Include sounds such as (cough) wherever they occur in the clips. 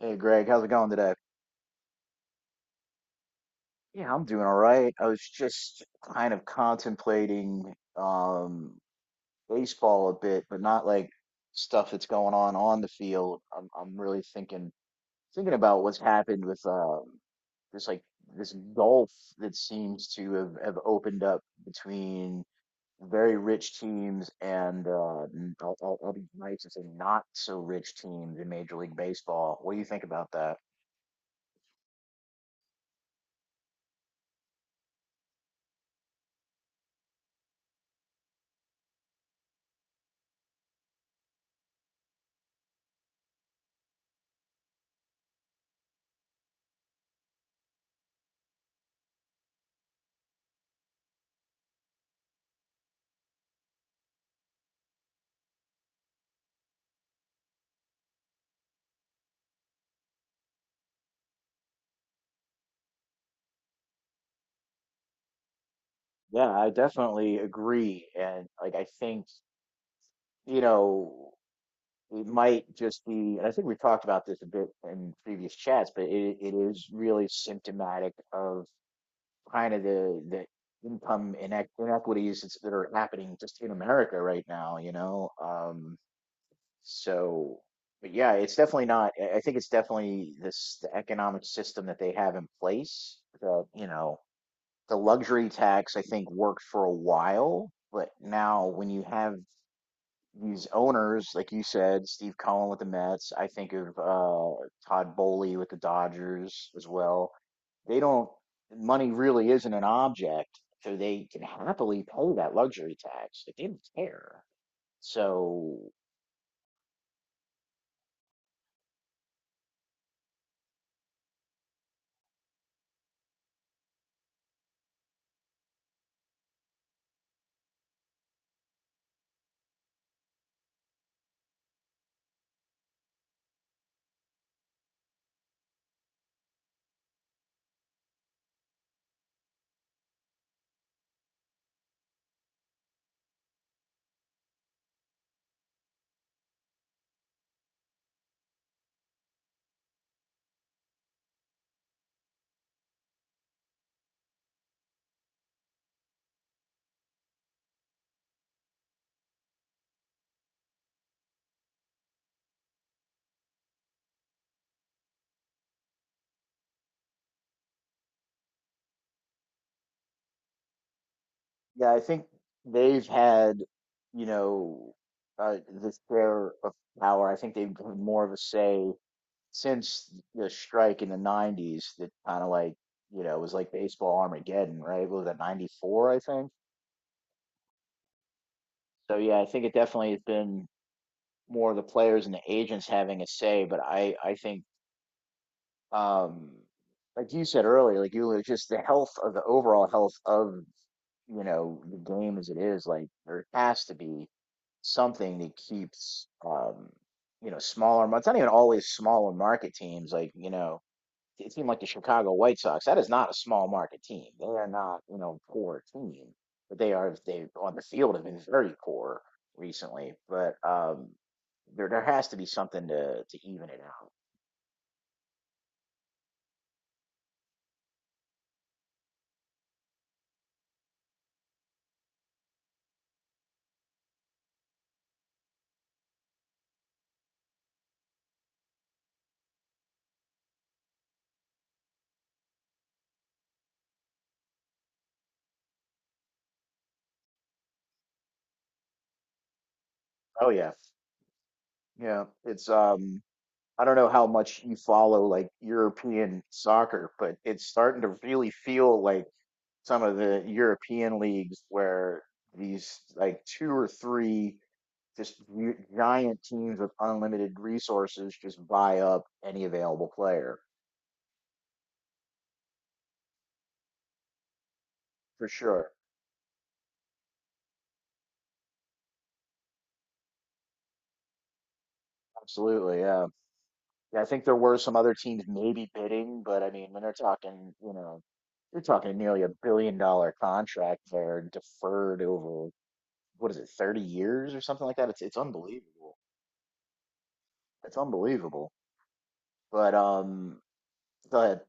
Hey Greg, how's it going today? Yeah, I'm doing all right. I was just kind of contemplating baseball a bit, but not like stuff that's going on the field. I'm really thinking about what's happened with this like this gulf that seems to have opened up between very rich teams and I'll be nice and say not so rich teams in Major League Baseball. What do you think about that? Yeah, I definitely agree. And like, I think, you know, it might just be, and I think we've talked about this a bit in previous chats, but it is really symptomatic of kind of the income inequities that are happening just in America right now, you know? So, but yeah, it's definitely not, I think it's definitely the economic system that they have in place that, you know, the luxury tax I think worked for a while, but now when you have these owners, like you said, Steve Cohen with the Mets. I think of Todd Bowley with the Dodgers as well. They don't money really isn't an object, so they can happily pay that luxury tax. They didn't care. So yeah, I think they've had, you know, the share of power. I think they've had more of a say since the strike in the 90s that kind of like, you know, was like baseball armageddon, right? What was that, 94, I think? So yeah, I think it definitely has been more of the players and the agents having a say, but I think um like you said earlier, like you just the health of the overall health of, you know, the game as it is, like there has to be something that keeps you know, smaller, it's not even always smaller market teams, like, you know, a team like the Chicago White Sox, that is not a small market team. They are not, you know, poor team, but they are they on the field have been very poor recently. But there has to be something to even it out. Oh yeah, yeah. It's I don't know how much you follow like European soccer, but it's starting to really feel like some of the European leagues where these like two or three giant teams with unlimited resources just buy up any available player for sure. Absolutely, yeah. Yeah, I think there were some other teams maybe bidding, but I mean, when they're talking, you know, you're talking nearly a billion dollar contract there deferred over what is it, 30 years or something like that. It's unbelievable. It's unbelievable. But um but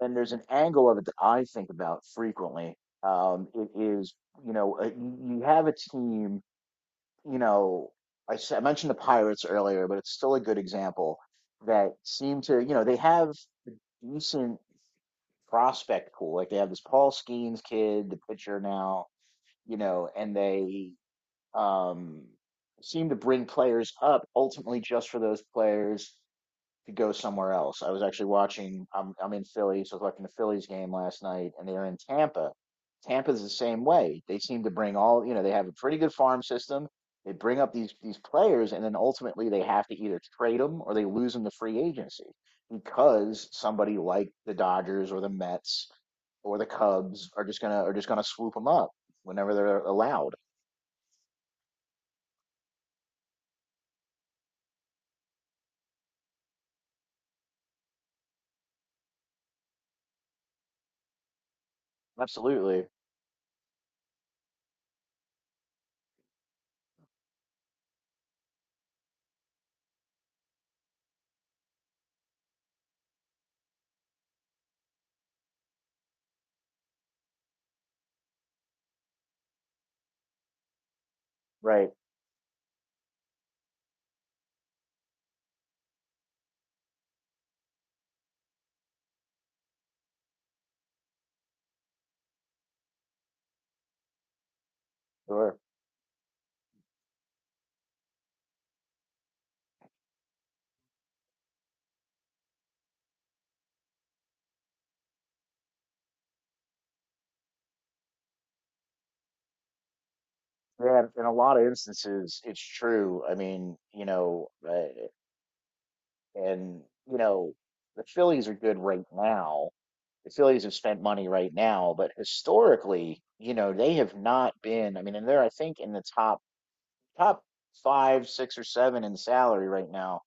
and There's an angle of it that I think about frequently. Um, it is, you know, you you have a team, you know, I mentioned the Pirates earlier, but it's still a good example that seem to, you know, they have decent prospect pool. Like they have this Paul Skeens kid, the pitcher now, you know, and they um, seem to bring players up ultimately just for those players to go somewhere else. I was actually watching. I'm in Philly, so I was watching the Phillies game last night, and they're in Tampa. Tampa's the same way. They seem to bring all, you know. They have a pretty good farm system. They bring up these players, and then ultimately they have to either trade them or they lose them to free agency because somebody like the Dodgers or the Mets or the Cubs are just gonna swoop them up whenever they're allowed. Absolutely right. Sure. Yeah, in a lot of instances, it's true. I mean, you know, and you know, the Phillies are good right now. The Phillies have spent money right now, but historically, you know, they have not been. I mean, and they're I think in the top five, six, or seven in salary right now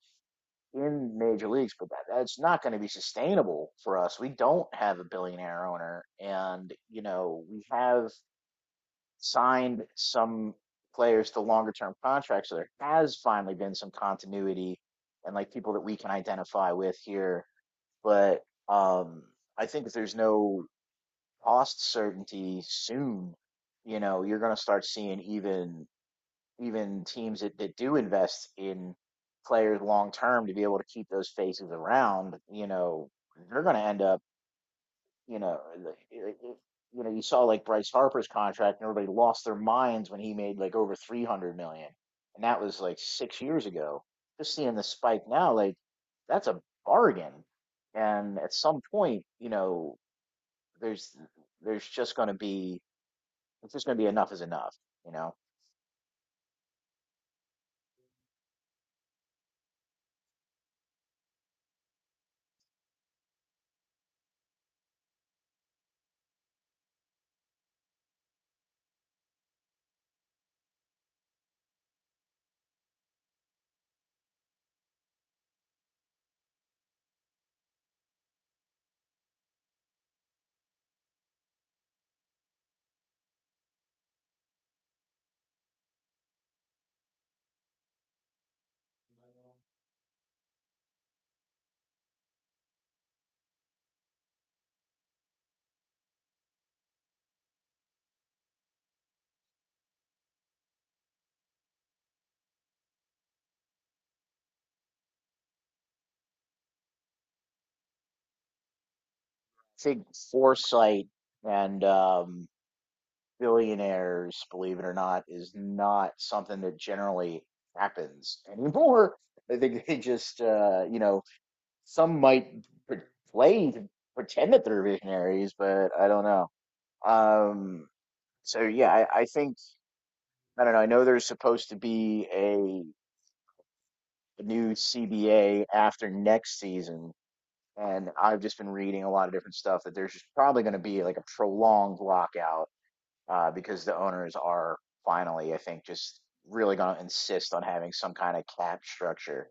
in major leagues, but that's not going to be sustainable for us. We don't have a billionaire owner, and you know, we have signed some players to longer term contracts. So there has finally been some continuity and like people that we can identify with here. But um, I think if there's no cost certainty soon, you know, you're going to start seeing even even teams that do invest in players long term to be able to keep those faces around. You know, they're going to end up, you know, you know, you saw like Bryce Harper's contract, and everybody lost their minds when he made like over 300 million, and that was like 6 years ago. Just seeing the spike now, like that's a bargain. And at some point, you know, there's there's just going to be it's just going to be enough is enough. You know, I think foresight and billionaires, believe it or not, is not something that generally happens anymore. (laughs) I think they just, you know, some might play to pretend that they're visionaries, but I don't know. Um, yeah, I think I don't know. I know there's supposed to be a new CBA after next season, and I've just been reading a lot of different stuff that there's just probably going to be like a prolonged lockout because the owners are finally, I think, just really going to insist on having some kind of cap structure.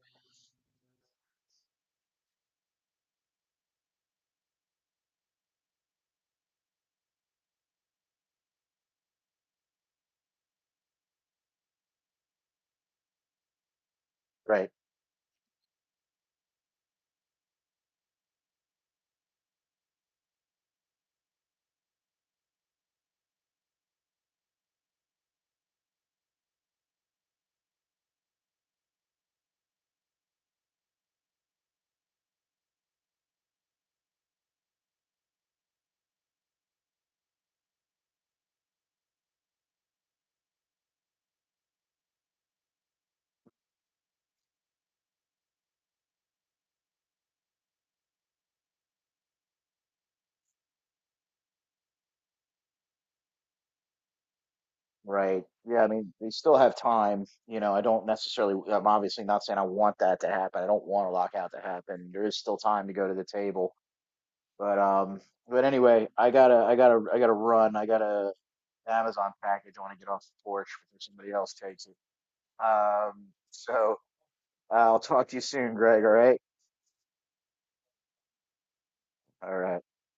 Right. Right. Yeah. I mean, they still have time. You know, I don't necessarily, I'm obviously not saying I want that to happen. I don't want a lockout to happen. There is still time to go to the table. But, um, but Anyway, I gotta run. I got a Amazon package. I want to get off the porch before somebody else takes it. Um, so I'll talk to you soon, Greg. All right. All right.